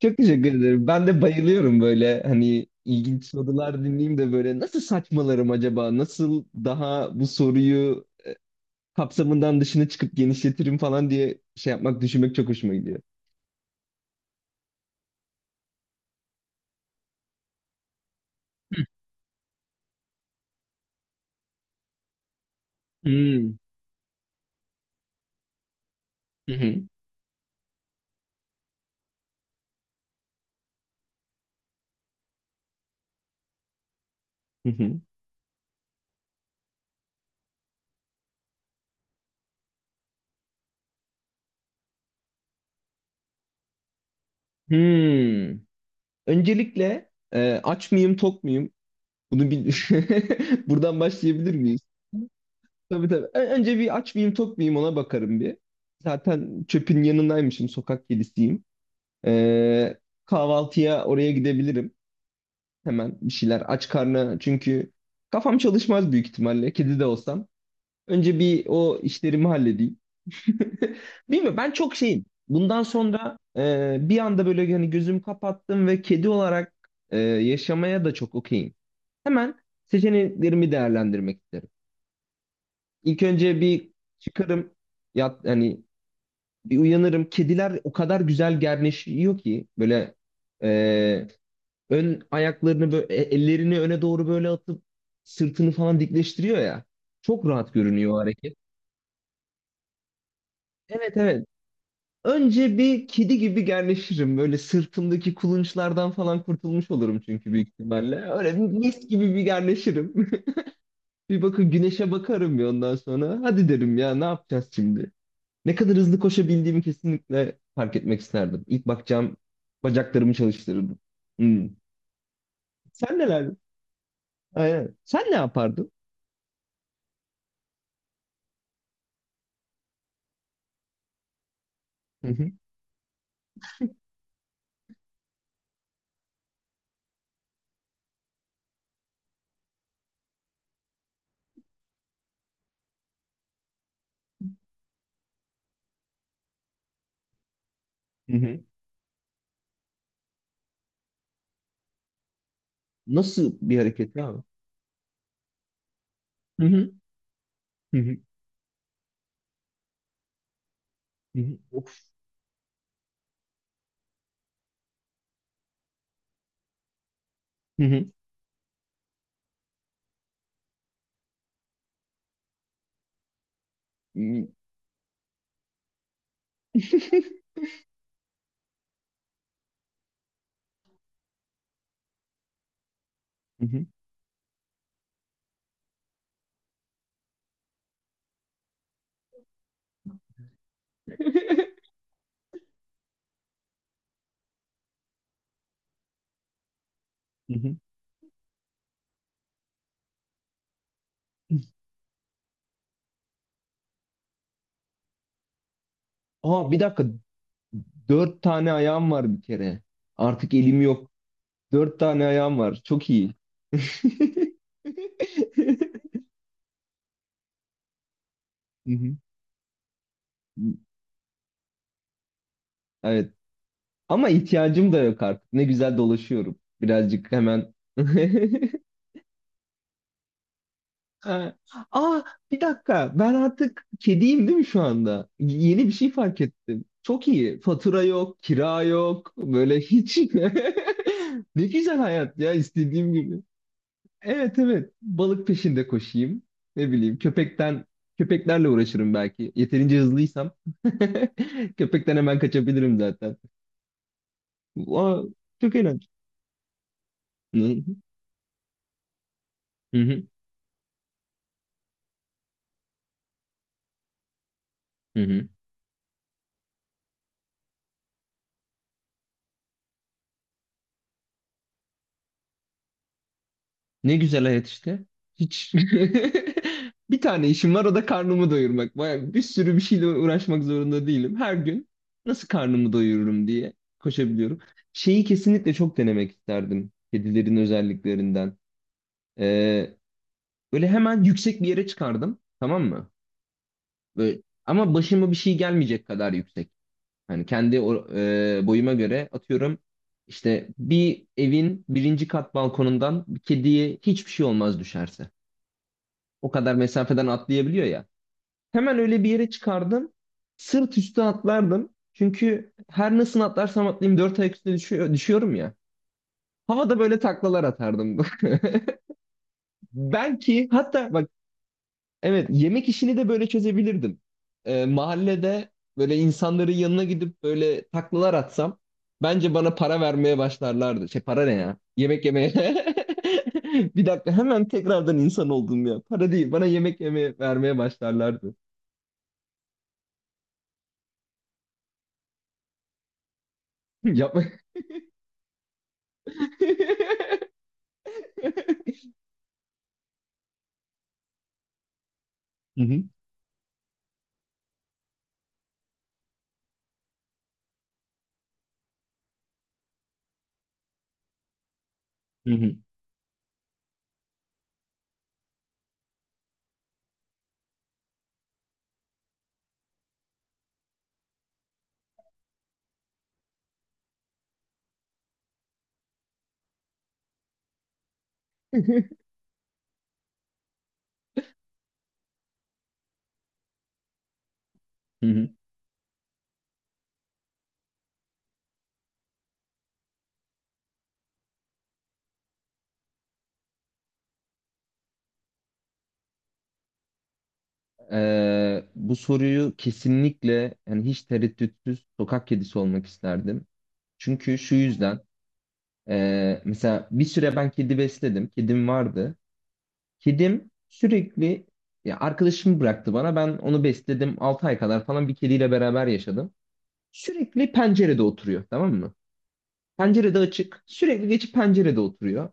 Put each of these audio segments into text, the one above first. Çok teşekkür ederim. Ben de bayılıyorum böyle hani ilginç sorular dinleyeyim de böyle nasıl saçmalarım acaba? Nasıl daha bu soruyu kapsamından dışına çıkıp genişletirim falan diye şey yapmak, düşünmek çok hoşuma gidiyor. Hmm. Hı hı. Hı hı. Hmm. Öncelikle aç mıyım, tok muyum? Bunu bir buradan başlayabilir miyiz? Tabii tabii. Önce bir aç mıyım, tok muyum ona bakarım bir. Zaten çöpün yanındaymışım, sokak kedisiyim. E, Kahvaltıya oraya gidebilirim. Hemen bir şeyler aç karnına çünkü kafam çalışmaz büyük ihtimalle kedi de olsam. Önce bir o işlerimi halledeyim. Bilmiyorum ben çok şeyim. Bundan sonra bir anda böyle hani gözüm kapattım ve kedi olarak yaşamaya da çok okeyim. Hemen seçeneklerimi değerlendirmek isterim. İlk önce bir çıkarım yat hani bir uyanırım. Kediler o kadar güzel gerneşiyor ki böyle e, ön ayaklarını böyle ellerini öne doğru böyle atıp sırtını falan dikleştiriyor ya. Çok rahat görünüyor o hareket. Evet evet. Önce bir kedi gibi gerleşirim. Böyle sırtımdaki kulunçlardan falan kurtulmuş olurum çünkü büyük ihtimalle. Öyle bir mis gibi bir gerleşirim. Bir bakın güneşe bakarım ya ondan sonra. Hadi derim ya ne yapacağız şimdi? Ne kadar hızlı koşabildiğimi kesinlikle fark etmek isterdim. İlk bakacağım bacaklarımı çalıştırırdım. Hmm. Sen neler? Aynen. Sen ne yapardın? Hı hı. Hı hı. Nasıl bir hareket abi? Hı hı. Hı hı. Hı hı. Of. Hı hı. Hı hı. Hı hı. Aa bir dakika. Dört tane ayağım var bir kere. Artık elim yok. Dört tane ayağım var. Çok iyi. Hı hı. Evet. Ama ihtiyacım da yok artık. Ne güzel dolaşıyorum. Birazcık hemen. Ee, Aa bir dakika ben artık kediyim değil mi şu anda? Yeni bir şey fark ettim. Çok iyi. Fatura yok, kira yok. Böyle hiç. Ne güzel hayat ya istediğim gibi. Evet evet. Balık peşinde koşayım. Ne bileyim köpekten köpeklerle uğraşırım belki. Yeterince hızlıysam. Köpekten hemen kaçabilirim zaten. Aa, çok eğlenceli. Hı hı, hı hı. Ne güzel hayat işte. Hiç bir tane işim var o da karnımı doyurmak. Baya bir sürü bir şeyle uğraşmak zorunda değilim. Her gün nasıl karnımı doyururum diye koşabiliyorum. Şeyi kesinlikle çok denemek isterdim. Kedilerin özelliklerinden. Ee, Böyle hemen yüksek bir yere çıkardım. Tamam mı? Böyle, ama başıma bir şey gelmeyecek kadar yüksek. Hani kendi boyuma göre atıyorum. İşte bir evin birinci kat balkonundan bir kediye hiçbir şey olmaz düşerse. O kadar mesafeden atlayabiliyor ya. Hemen öyle bir yere çıkardım. Sırt üstü atlardım. Çünkü her nasıl atlarsam atlayayım dört ayak üstüne düşüyor, düşüyorum ya. Havada böyle taklalar atardım. Belki hatta bak evet yemek işini de böyle çözebilirdim. Mahallede böyle insanların yanına gidip böyle taklalar atsam bence bana para vermeye başlarlardı. Şey para ne ya? Yemek yemeye. Bir dakika hemen tekrardan insan oldum ya. Para değil bana yemek yemeye vermeye başlarlardı. Yapma. Hı hı. Hı hı. Hı hı. Bu soruyu kesinlikle yani hiç tereddütsüz sokak kedisi olmak isterdim. Çünkü şu yüzden mesela bir süre ben kedi besledim. Kedim vardı. Kedim sürekli ya arkadaşım bıraktı bana. Ben onu besledim. 6 ay kadar falan bir kediyle beraber yaşadım. Sürekli pencerede oturuyor tamam mı? Pencerede açık. Sürekli geçip pencerede oturuyor.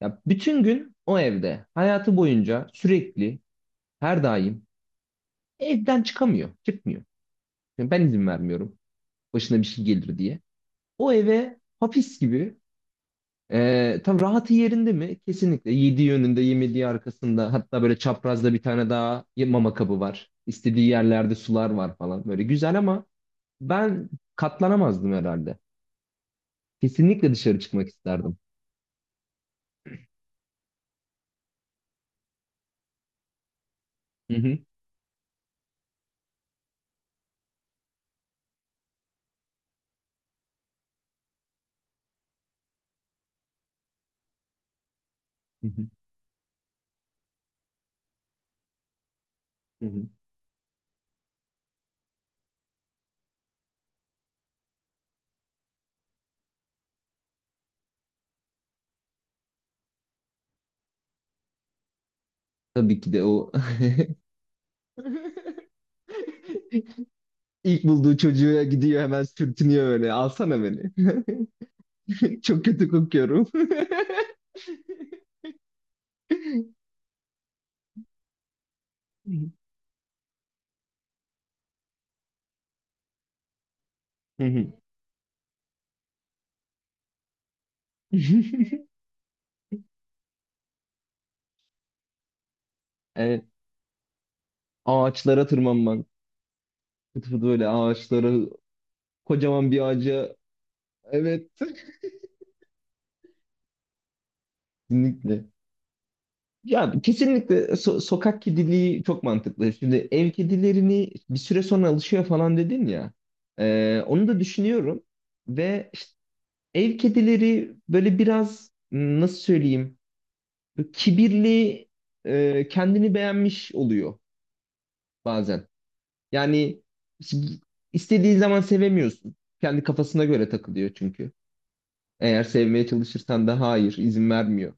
Ya bütün gün o evde. Hayatı boyunca sürekli her daim evden çıkamıyor, çıkmıyor. Yani ben izin vermiyorum başına bir şey gelir diye. O eve hapis gibi, tam rahatı yerinde mi? Kesinlikle. Yediği yönünde, yemediği arkasında. Hatta böyle çaprazda bir tane daha mama kabı var. İstediği yerlerde sular var falan. Böyle güzel ama ben katlanamazdım herhalde. Kesinlikle dışarı çıkmak isterdim. Hı hı. Hı hı. Hı hı. Tabii ki de o. İlk bulduğu çocuğa gidiyor hemen sürtünüyor böyle. Alsana beni. Çok kötü kokuyorum. Hı hı. Evet, ağaçlara tırmanman. Fıtı fıtı böyle ağaçlara, kocaman bir ağaca. Evet, kesinlikle. Ya kesinlikle sokak kediliği çok mantıklı. Şimdi ev kedilerini bir süre sonra alışıyor falan dedin ya. Onu da düşünüyorum. Ve işte ev kedileri böyle biraz nasıl söyleyeyim böyle kibirli, kendini beğenmiş oluyor bazen. Yani istediğin zaman sevemiyorsun. Kendi kafasına göre takılıyor çünkü. Eğer sevmeye çalışırsan da hayır, izin vermiyor.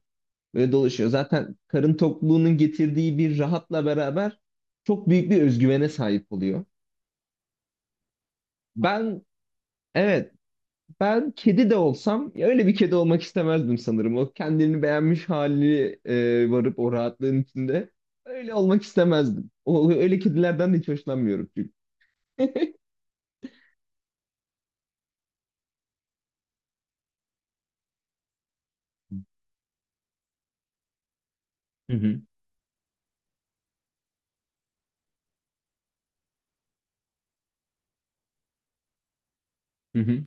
Böyle dolaşıyor. Zaten karın tokluğunun getirdiği bir rahatla beraber çok büyük bir özgüvene sahip oluyor. Ben evet, ben kedi de olsam ya öyle bir kedi olmak istemezdim sanırım. O kendini beğenmiş hali varıp o rahatlığın içinde öyle olmak istemezdim. O, öyle kedilerden de hiç hoşlanmıyorum çünkü. Hı hı. Hı hı.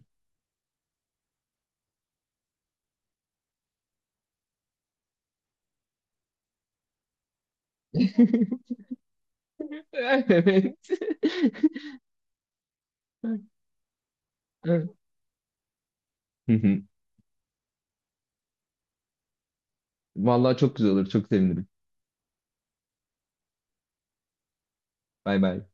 Evet. Hı hı. Vallahi çok güzel olur. Çok sevinirim. Bay bay.